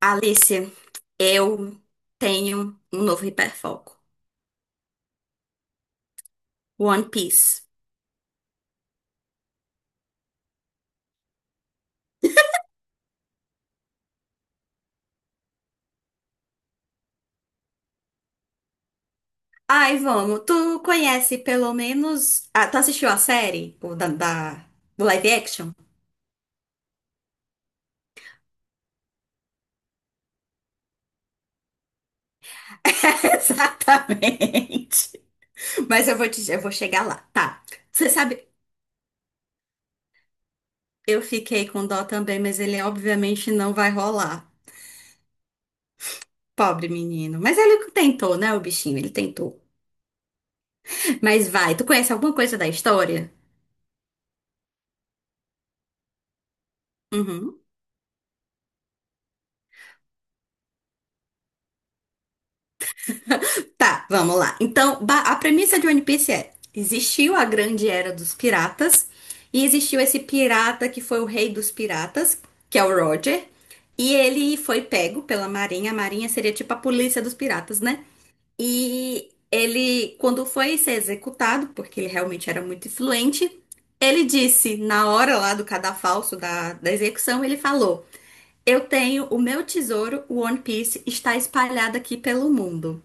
Alice, eu tenho um novo hiperfoco. One Piece. Ai, vamos. Tu conhece pelo menos. Ah, tu assistiu a série? O do live action? Exatamente. Mas eu vou chegar lá. Tá. Você sabe, eu fiquei com dó também, mas ele obviamente não vai rolar. Pobre menino. Mas ele tentou, né, o bichinho? Ele tentou. Mas vai. Tu conhece alguma coisa da história? Uhum. Tá, vamos lá. Então, a premissa de One Piece é: existiu a grande era dos piratas, e existiu esse pirata que foi o rei dos piratas, que é o Roger, e ele foi pego pela Marinha. A Marinha seria tipo a polícia dos piratas, né? E ele, quando foi ser executado, porque ele realmente era muito influente, ele disse, na hora lá do cadafalso da execução, ele falou: Eu tenho o meu tesouro, o One Piece, está espalhado aqui pelo mundo.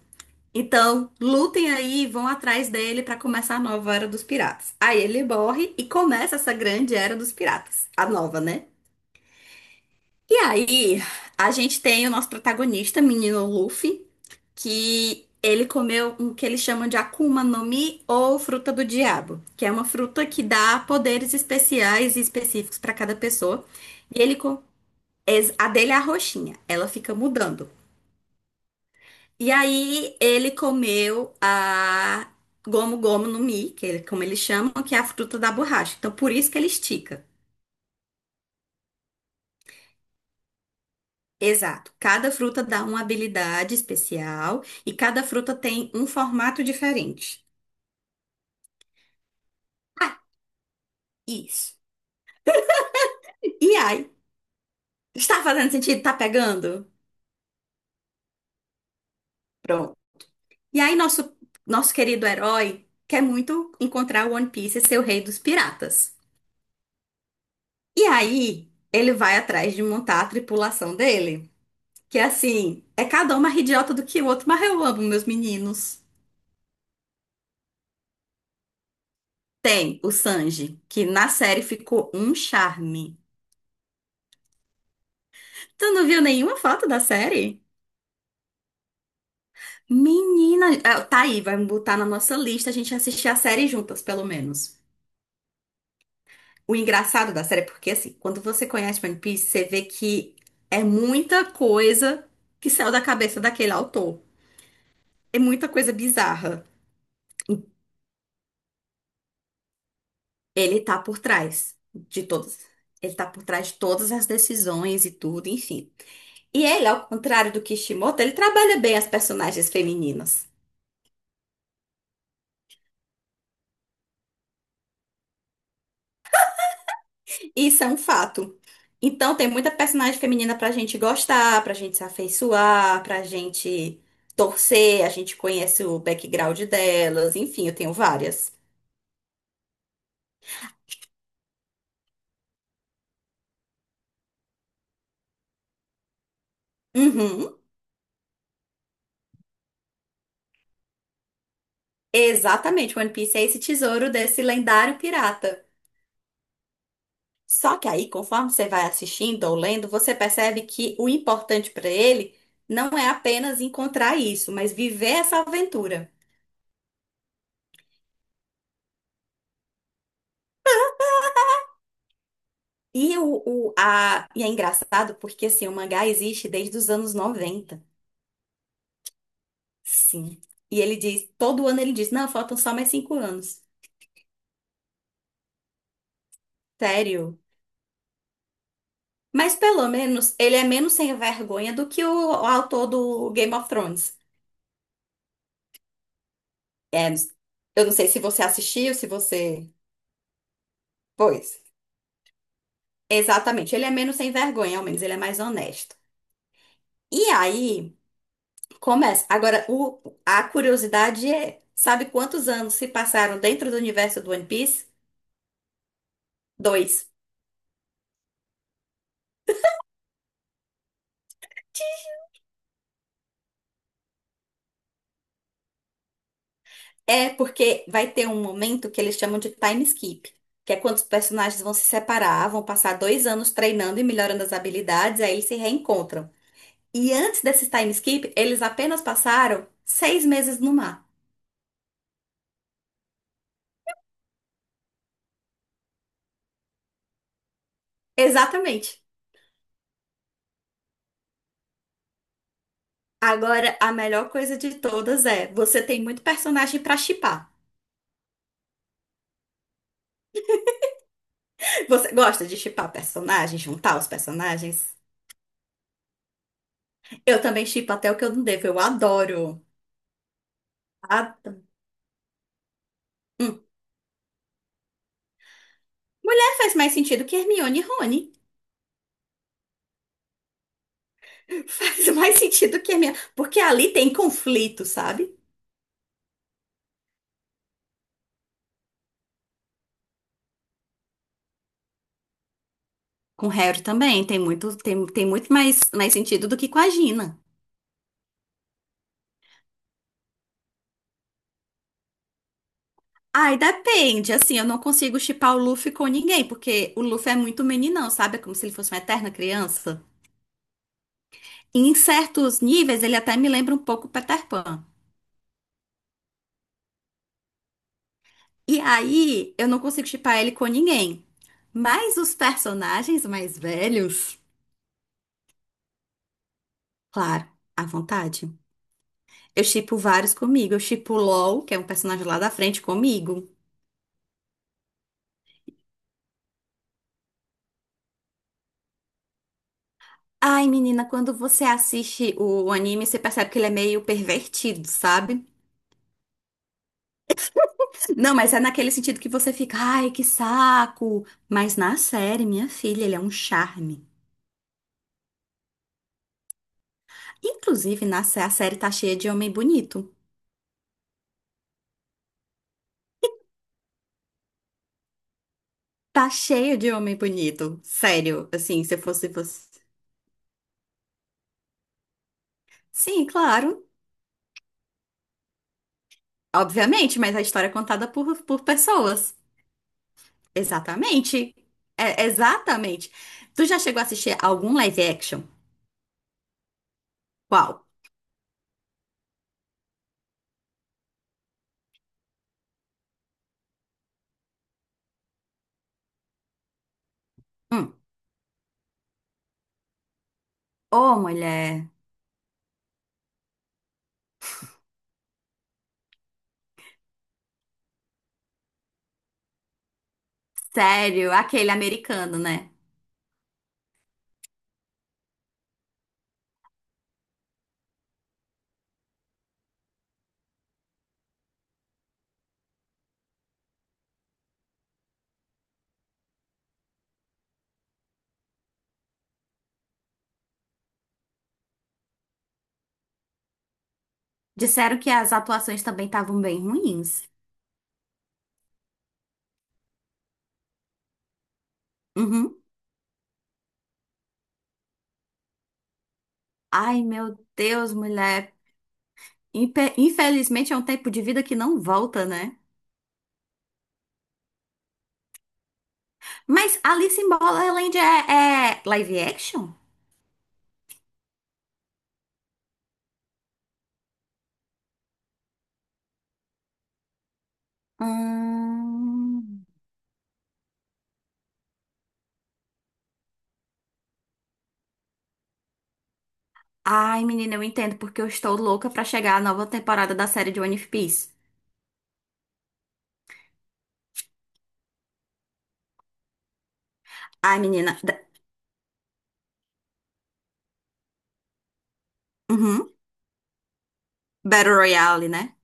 Então, lutem aí e vão atrás dele para começar a nova Era dos Piratas. Aí ele morre e começa essa grande Era dos Piratas, a nova, né? E aí, a gente tem o nosso protagonista, menino Luffy, que ele comeu o que eles chamam de Akuma no Mi ou fruta do diabo, que é uma fruta que dá poderes especiais e específicos para cada pessoa. E a dele é a roxinha, ela fica mudando. E aí ele comeu a gomo gomo no mi, que ele, como eles chamam, que é a fruta da borracha. Então por isso que ele estica. Exato. Cada fruta dá uma habilidade especial e cada fruta tem um formato diferente. Ah, isso. E aí? Está fazendo sentido? Tá pegando? Pronto. E aí nosso querido herói quer muito encontrar o One Piece e ser o rei dos piratas. E aí ele vai atrás de montar a tripulação dele. Que é assim, é cada um mais idiota do que o outro, mas eu amo meus meninos. Tem o Sanji, que na série ficou um charme. Tu não viu nenhuma foto da série? Menina, ah, tá aí, vai botar na nossa lista a gente assistir a série juntas, pelo menos. O engraçado da série é porque, assim, quando você conhece One Piece, você vê que é muita coisa que saiu da cabeça daquele autor. É muita coisa bizarra. Ele tá por trás de todas. Ele tá por trás de todas as decisões e tudo, enfim. E ele, ao contrário do Kishimoto, ele trabalha bem as personagens femininas. Isso é um fato. Então tem muita personagem feminina pra gente gostar, pra gente se afeiçoar, pra gente torcer, a gente conhece o background delas, enfim, eu tenho várias. Uhum. Exatamente, One Piece é esse tesouro desse lendário pirata. Só que aí, conforme você vai assistindo ou lendo, você percebe que o importante pra ele não é apenas encontrar isso, mas viver essa aventura. E, o, e é engraçado porque assim, o mangá existe desde os anos 90. Sim. E ele diz, todo ano ele diz, não, faltam só mais 5 anos. Sério. Mas pelo menos ele é menos sem vergonha do que o autor do Game of Thrones. É, eu não sei se você assistiu, se você. Pois. Exatamente. Ele é menos sem vergonha, ao menos ele é mais honesto. E aí, começa. Agora, a curiosidade é, sabe quantos anos se passaram dentro do universo do One Piece? Dois. É porque vai ter um momento que eles chamam de time skip, que é quando os personagens vão se separar, vão passar 2 anos treinando e melhorando as habilidades, aí eles se reencontram. E antes desse time skip, eles apenas passaram 6 meses no mar. Exatamente. Agora, a melhor coisa de todas é, você tem muito personagem pra shippar. Você gosta de shippar personagens, juntar os personagens? Eu também shippo até o que eu não devo, eu adoro. Adoro. Hum. Mulher faz mais sentido que Hermione e Rony. Faz mais sentido que a minha. Porque ali tem conflito, sabe? Com Harry também. Tem muito, tem muito mais, mais sentido do que com a Gina. Ai, depende. Assim, eu não consigo chipar o Luffy com ninguém, porque o Luffy é muito meninão, sabe? É como se ele fosse uma eterna criança. E em certos níveis, ele até me lembra um pouco o Peter Pan. E aí, eu não consigo chipar ele com ninguém. Mas os personagens mais velhos, claro, à vontade. Eu shippo vários comigo. Eu shippo o LOL, que é um personagem lá da frente, comigo. Ai, menina, quando você assiste o anime, você percebe que ele é meio pervertido, sabe? Não, mas é naquele sentido que você fica, ai, que saco. Mas na série, minha filha, ele é um charme. Inclusive, a série tá cheia de homem bonito. Tá cheia de homem bonito. Sério, assim, se eu fosse você. Sim, claro. Obviamente, mas a história é contada por pessoas. Exatamente. É, exatamente. Tu já chegou a assistir algum live action? Qual? Hum. Ô, mulher. Sério, aquele americano, né? Disseram que as atuações também estavam bem ruins. Uhum. Ai, meu Deus, mulher. Infelizmente é um tempo de vida que não volta, né? Mas Alice in Borderland é live action? Hum. Ai, menina, eu entendo porque eu estou louca pra chegar à nova temporada da série de One Piece. Ai, menina. Uhum. Battle Royale, né?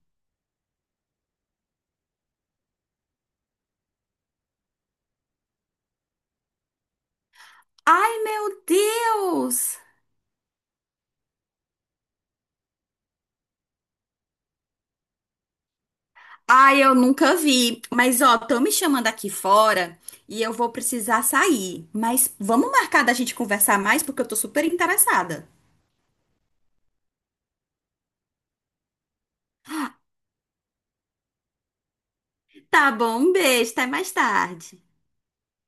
Ai, meu Deus! Ai, eu nunca vi. Mas, ó, estão me chamando aqui fora e eu vou precisar sair. Mas vamos marcar da gente conversar mais porque eu tô super interessada. Tá bom, um beijo, até mais tarde.